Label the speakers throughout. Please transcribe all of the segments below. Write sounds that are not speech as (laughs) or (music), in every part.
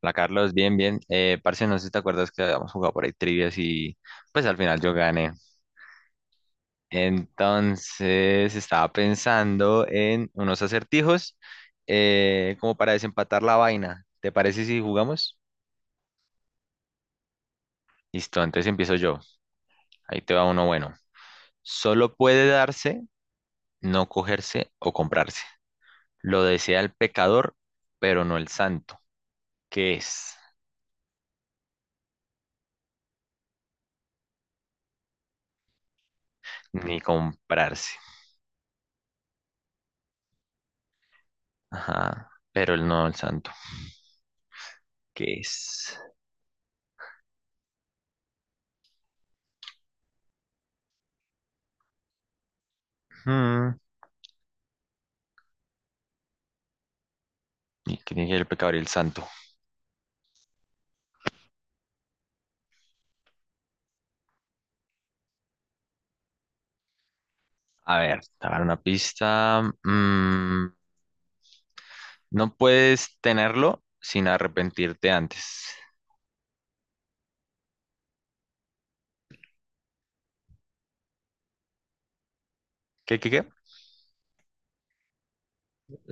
Speaker 1: Hola Carlos, bien, bien. Parce, no sé si te acuerdas que habíamos jugado por ahí trivias y pues al final yo gané. Entonces estaba pensando en unos acertijos como para desempatar la vaina. ¿Te parece si jugamos? Listo, entonces empiezo yo. Ahí te va uno bueno. Solo puede darse, no cogerse o comprarse. Lo desea el pecador, pero no el santo. ¿Qué es? Ni comprarse. Ajá, pero el no el santo. ¿Qué es? Hmm. ¿Qué tiene que ver el pecador y el santo? A ver, te voy a dar una pista. No puedes tenerlo sin arrepentirte antes. ¿Qué?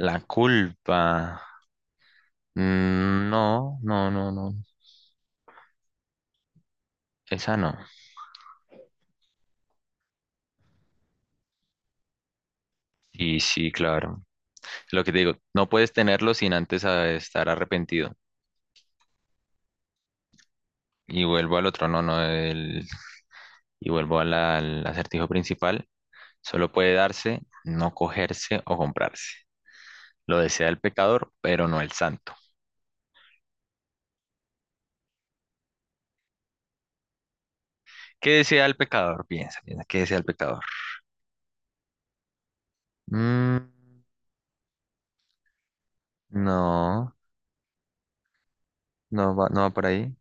Speaker 1: La culpa. Mm, no, no, no, no. Esa no. Y sí, claro. Lo que te digo, no puedes tenerlo sin antes estar arrepentido. Y vuelvo al otro, no, no, y vuelvo al acertijo principal. Solo puede darse, no cogerse o comprarse. Lo desea el pecador, pero no el santo. ¿Qué desea el pecador? Piensa, piensa, ¿qué desea el pecador? Mm, no, no va por ahí.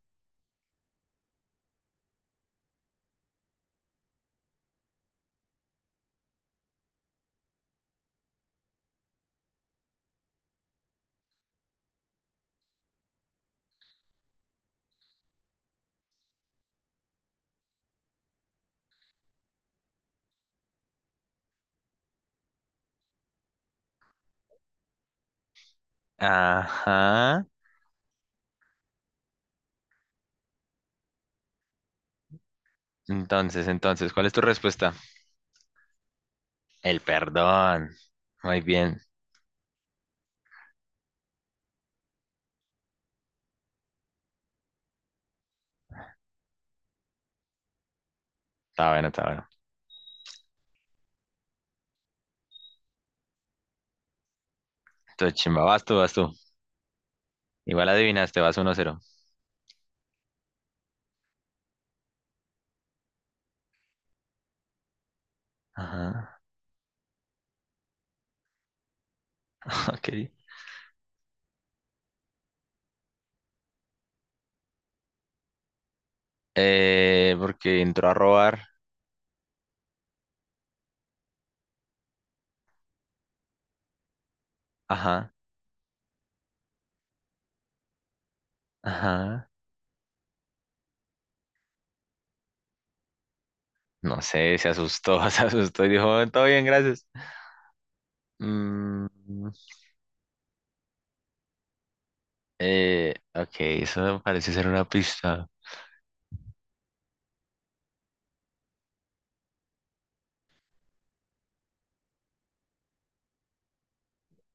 Speaker 1: Ajá. Entonces, ¿cuál es tu respuesta? El perdón. Muy bien. Está bueno, está bueno. Entonces, chimba, vas tú, vas tú. Igual adivinaste, vas 1-0. Ajá. (laughs) Ok. Porque entró a robar. Ajá. Ajá. No sé, se asustó, (laughs) se asustó y dijo, todo bien, gracias. Mm, ok, eso parece ser una pista.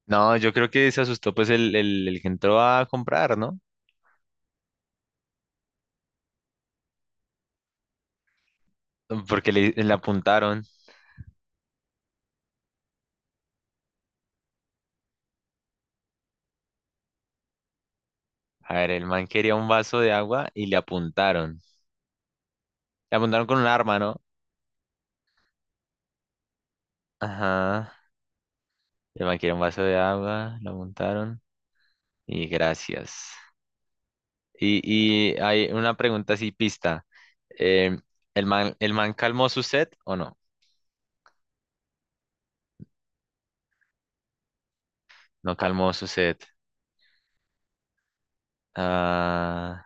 Speaker 1: No, yo creo que se asustó pues el que entró a comprar, ¿no? Porque le apuntaron. A ver, el man quería un vaso de agua y le apuntaron. Le apuntaron con un arma, ¿no? Ajá. El man quería un vaso de agua, le apuntaron. Y gracias. Y, y hay una pregunta así, pista. Em, ¿el man calmó su sed o no? No calmó su sed. Ah,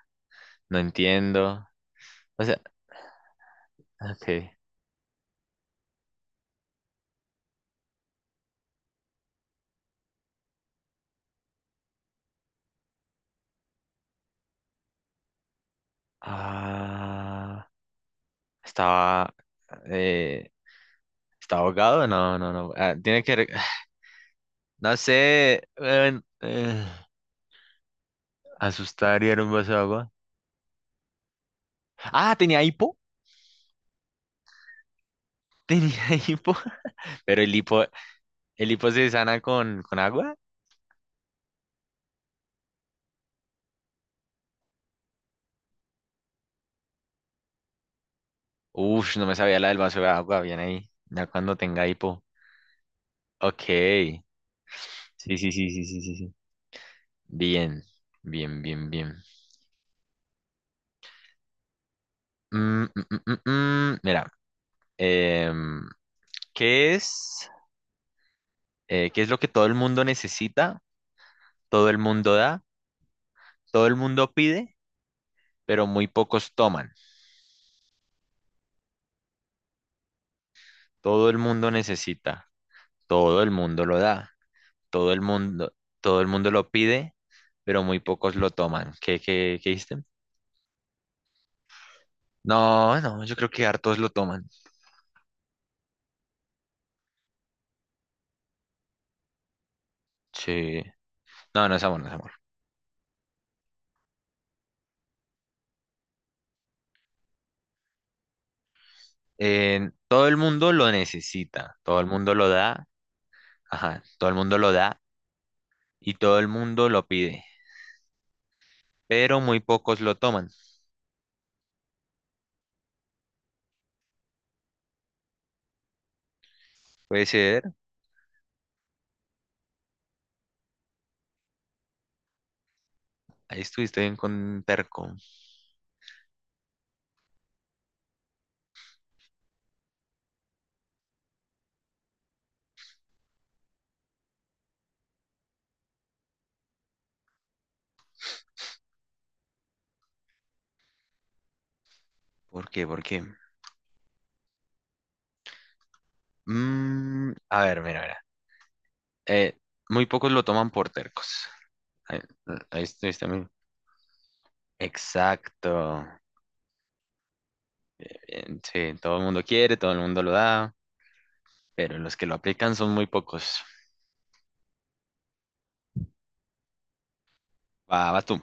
Speaker 1: no entiendo. O sea, ok. Ah, estaba. eh, ¿Está ahogado? No, no, no. Ah, tiene que. (sighs) No sé. Asustar y dar un vaso de agua. Ah, tenía hipo. (laughs) Tenía hipo. Pero el hipo se sana con agua. Uf, no me sabía la del vaso de agua. Bien ahí. Ya cuando tenga hipo. Ok. Sí, sí, sí, sí, sí, sí. Sí. Bien. Bien, bien, bien. Mm. Mira. em, ¿Qué es? ¿Qué es lo que todo el mundo necesita? Todo el mundo da. Todo el mundo pide pero muy pocos toman. Todo el mundo necesita, todo el mundo lo da, todo el mundo, todo el mundo lo pide, pero muy pocos lo toman. ¿Qué hiciste? No, no, yo creo que hartos lo toman. Sí. No, no es amor, no es amor. Todo el mundo lo necesita, todo el mundo lo da, ajá, todo el mundo lo da y todo el mundo lo pide, pero muy pocos lo toman. Puede ser, ahí estuviste bien con Perco. ¿Por qué? ¿Por qué? A ver, mira, mira. Eh, Muy pocos lo toman por tercos. Ahí, ahí estoy, Exacto. Sí, todo el mundo quiere, todo el mundo lo da, pero los que lo aplican son muy pocos. Va, va tú.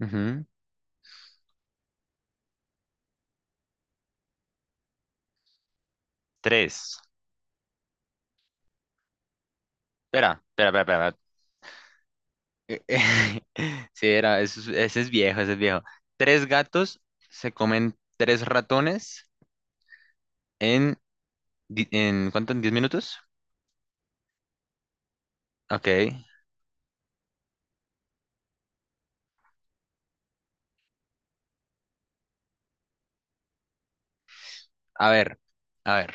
Speaker 1: Ujú. Tres. Espera, espera, espera, espera. (laughs) Sí, era, ese es viejo, ese es viejo. Tres gatos se comen tres ratones en, en ¿cuánto? ¿En 10 minutos? Ok. A ver, a ver.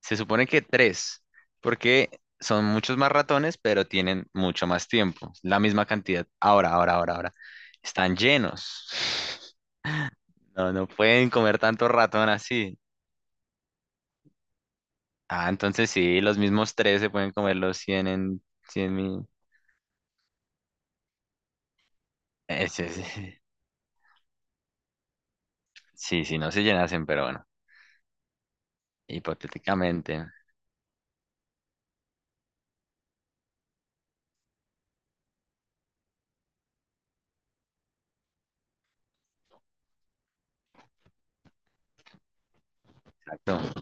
Speaker 1: Se supone que tres, porque son muchos más ratones, pero tienen mucho más tiempo, la misma cantidad. Ahora, ahora, ahora, ahora. Están llenos. (laughs) No, no pueden comer tanto ratón así. Ah, entonces sí, los mismos tres se pueden comer los 100 en 100.000. Ese sí, sí, sí, sí, sí, no se llenasen, pero bueno, hipotéticamente. Exacto.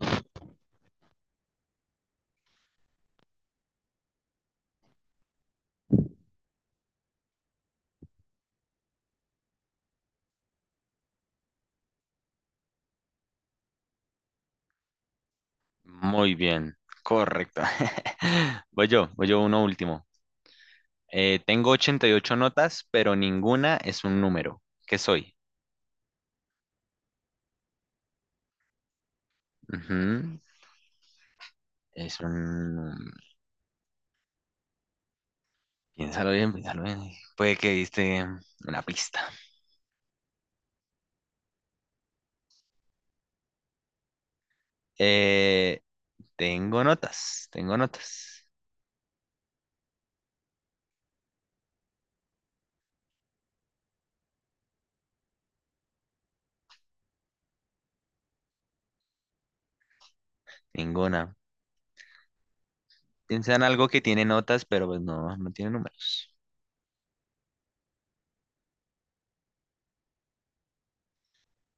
Speaker 1: Muy bien, correcto. (laughs) Voy yo uno último. Tengo 88 notas, pero ninguna es un número. ¿Qué soy? Ujú. Es un. Piénsalo bien, piénsalo bien. Puede que diste una pista. Eh, Tengo notas, tengo notas. Ninguna. Piensa en algo que tiene notas, pero pues no, no tiene números.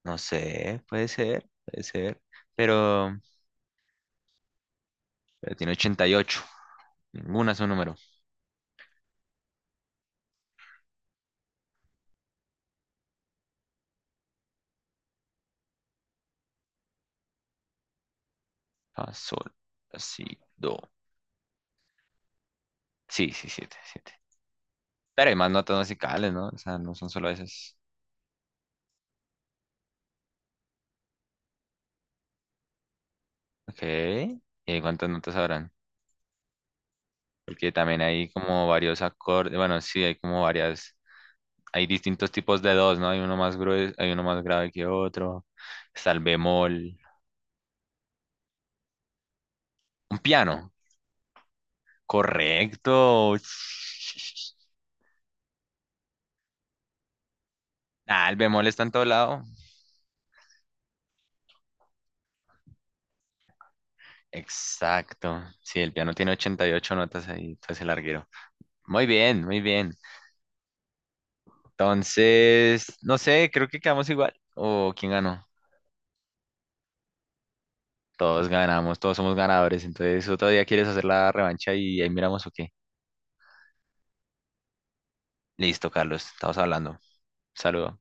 Speaker 1: No sé, puede ser, puede ser. Pero, pero tiene 88. Ninguna es un número. Ah, sol, así, do. Sí, sí, siete, siete. Pero hay más notas musicales, ¿no? O sea, no son solo esas. Ok. ¿Y cuántas notas habrán? Porque también hay como varios acordes. Bueno, sí, hay como varias. Hay distintos tipos de dos, ¿no? Hay uno más grueso, hay uno más grave que otro. Está el bemol. Un piano. Correcto. Ah, el bemol está en todo lado. Exacto. Sí, el piano tiene 88 notas ahí, entonces el larguero. Muy bien, muy bien. Entonces, no sé, creo que quedamos igual. ¿O quién ganó? Todos ganamos, todos somos ganadores. Entonces, otro día quieres hacer la revancha y ahí miramos o qué. Listo, Carlos, estamos hablando. Saludos.